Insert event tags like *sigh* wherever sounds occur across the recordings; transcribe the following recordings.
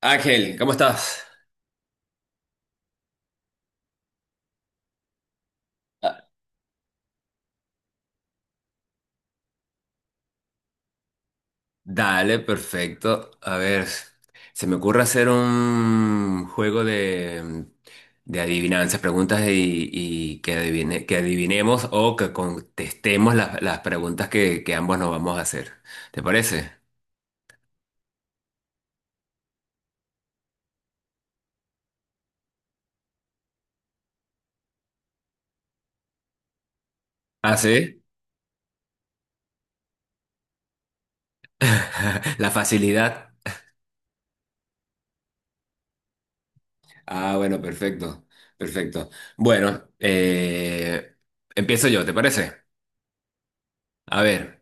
Ángel, ¿cómo estás? Ah. Dale, perfecto. A ver, se me ocurre hacer un juego de, adivinanzas, preguntas y que adivinemos o que contestemos las preguntas que ambos nos vamos a hacer. ¿Te parece? ¿Ah, sí? *laughs* La facilidad. Ah, bueno, perfecto, perfecto. Bueno, empiezo yo, ¿te parece? A ver,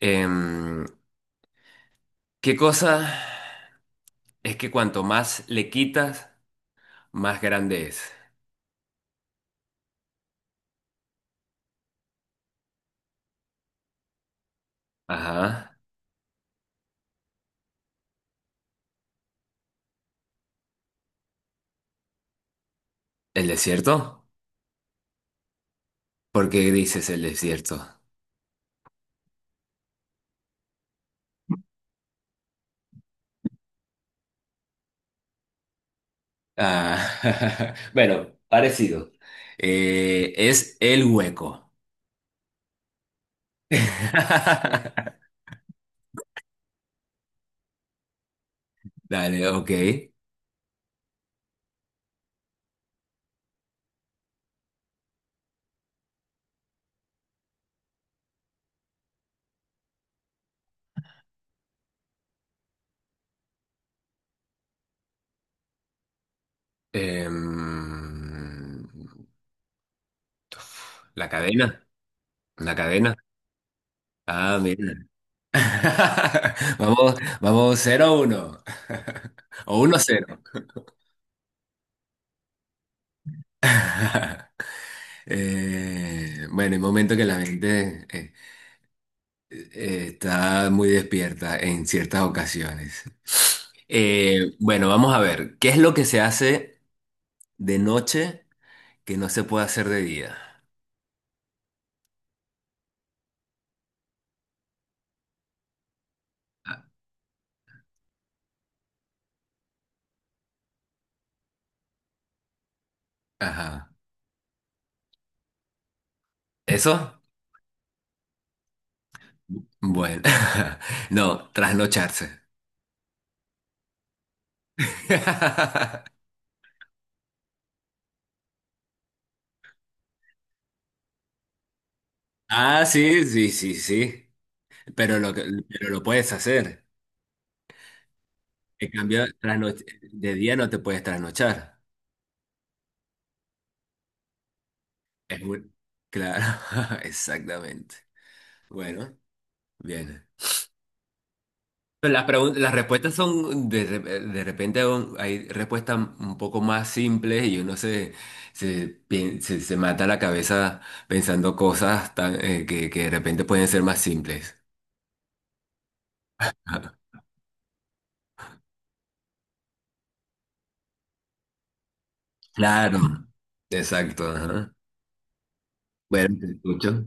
em, ¿qué cosa? Es que cuanto más le quitas, más grande es. Ajá. ¿El desierto? ¿Por qué dices el desierto? Ah, *laughs* bueno, parecido. Es el hueco. *laughs* Dale, ok. Em, la cadena, la cadena. Ah, mira. *laughs* Vamos, vamos cero a 1. *laughs* O uno a 0. *laughs* Bueno, hay momentos que la mente está muy despierta en ciertas ocasiones. Bueno, vamos a ver, ¿qué es lo que se hace de noche que no se puede hacer de día? A- Ajá. ¿Eso? Bueno, *laughs* no, trasnocharse. *laughs* Ah, sí, sí, sí, sí. Pero lo puedes hacer. En cambio, de día no te puedes trasnochar. Es muy... Claro, *laughs* exactamente. Bueno, bien. Pero las las respuestas son de repente hay respuestas un poco más simples y uno se mata la cabeza pensando cosas tan, que de repente pueden ser más simples. Ajá. Claro, exacto, ajá. Bueno, te escucho.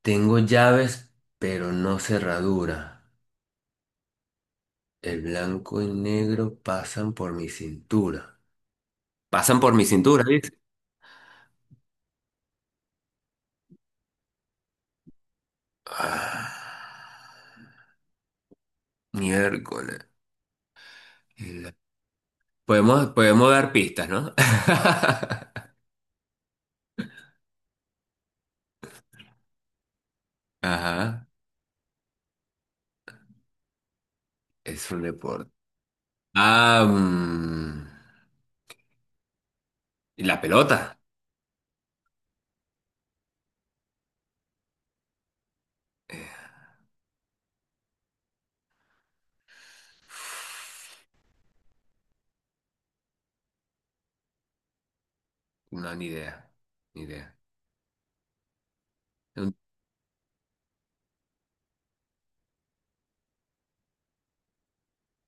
Tengo llaves, pero no cerradura. El blanco y negro pasan por mi cintura. ¿Pasan por mi cintura, dice? Ah, miércoles. Podemos, podemos dar pistas, ¿no? *laughs* Ajá, es un deporte. Ah, mm, ¿y la pelota? Eh, no, ni idea, ni idea. Un-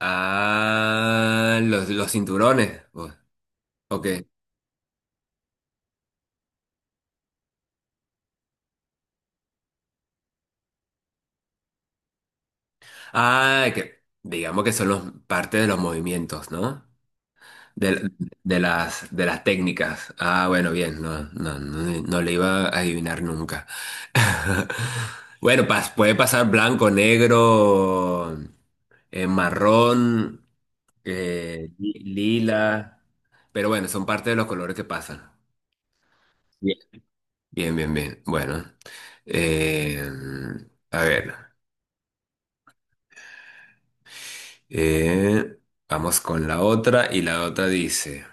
Ah, los cinturones. Oh, ok. Ah, que digamos que son los, parte de los movimientos, ¿no? De, de las técnicas. Ah, bueno, bien, no, no, no, no le iba a adivinar nunca. *laughs* Bueno, puede pasar blanco, negro, marrón, lila, pero bueno, son parte de los colores que pasan. Bien, bien, bien, bien. Bueno, eh, a ver, eh, vamos con la otra y la otra dice,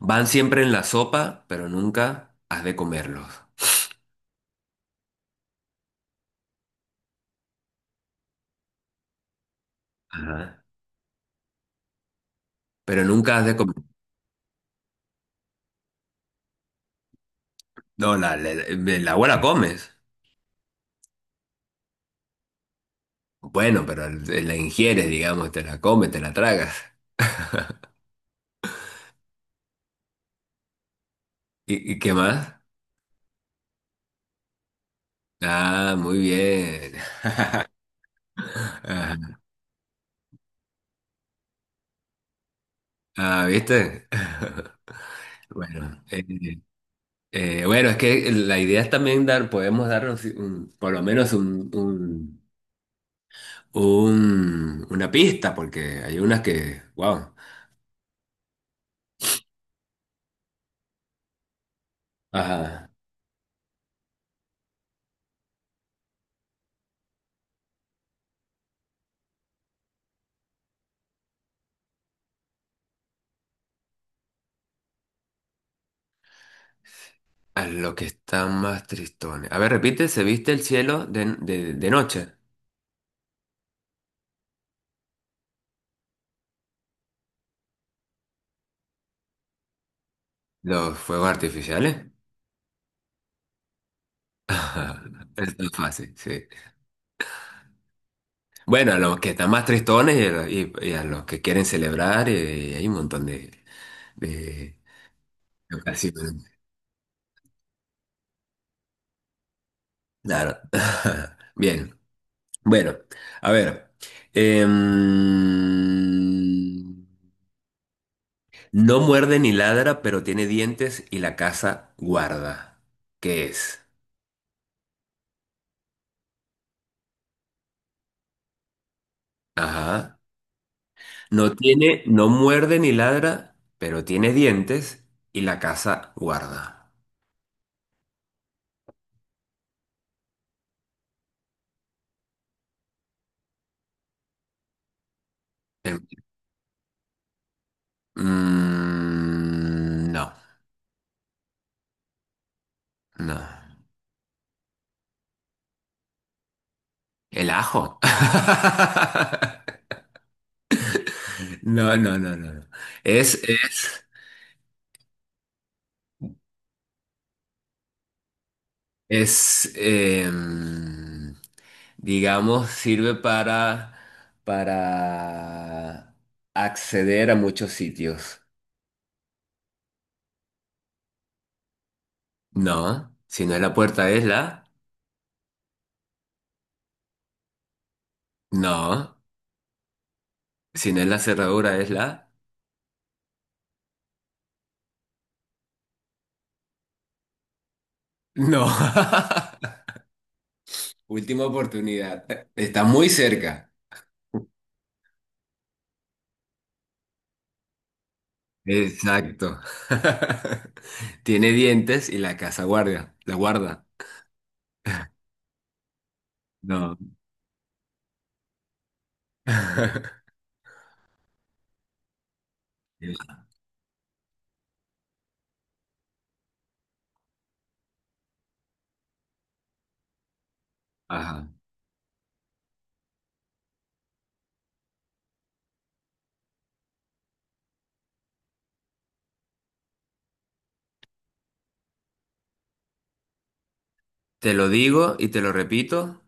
van siempre en la sopa, pero nunca has de comerlos. Ajá. Pero nunca has de comer. No, la agua la comes. Bueno, pero la ingieres, digamos, te la comes, te la tragas. Y qué más? Ah, muy bien. *laughs* Ajá. Ah, ¿viste? *laughs* Bueno, bueno, es que la idea es también dar, podemos darnos por lo menos una pista, porque hay unas que, wow. Ajá. A lo que están más tristones. A ver, repite, ¿se viste el cielo de noche? Los fuegos artificiales. *laughs* Es tan fácil, sí. Bueno, a los que están más tristones y a los, y a los que quieren celebrar, hay un montón de de ocasiones. Claro. *laughs* Bien. Bueno, a ver. Em, no muerde ni ladra, pero tiene dientes y la casa guarda. ¿Qué es? Ajá. No tiene, no muerde ni ladra, pero tiene dientes y la casa guarda. Eh, no, no. ¿El ajo? *laughs* No, no, no, no, no. Es, es, es, digamos, sirve para acceder a muchos sitios. No, si no es la puerta es la. No, si no es la cerradura es la. No. *laughs* Última oportunidad. Está muy cerca. Exacto. *laughs* Tiene dientes y la casa guardia, la guarda. No. *laughs* Ajá. Te lo digo y te lo repito.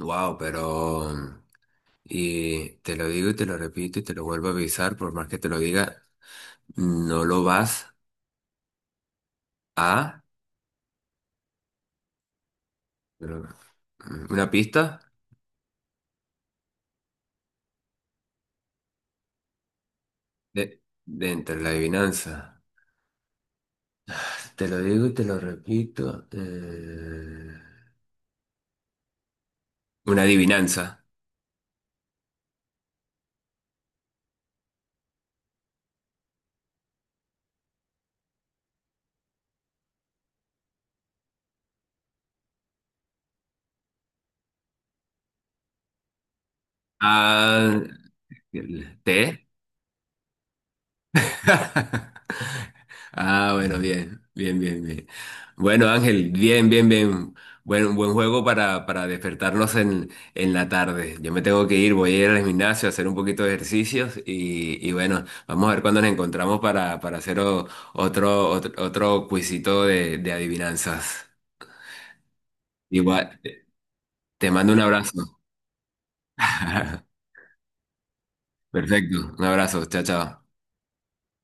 Wow, pero... Y te lo digo y te lo repito y te lo vuelvo a avisar, por más que te lo diga, no lo vas a... pero- Una pista de, entre la adivinanza. Te lo digo y te lo repito. Una adivinanza. Ah, ¿te? *laughs* Ah, bueno, bien, bien, bien, bien. Bueno, Ángel, bien, bien, bien. Buen juego para despertarnos en la tarde. Yo me tengo que ir, voy a ir al gimnasio a hacer un poquito de ejercicios y bueno, vamos a ver cuándo nos encontramos para hacer otro cuisito de adivinanzas. Igual, te mando un abrazo. *laughs* Perfecto, un abrazo, chao, chao.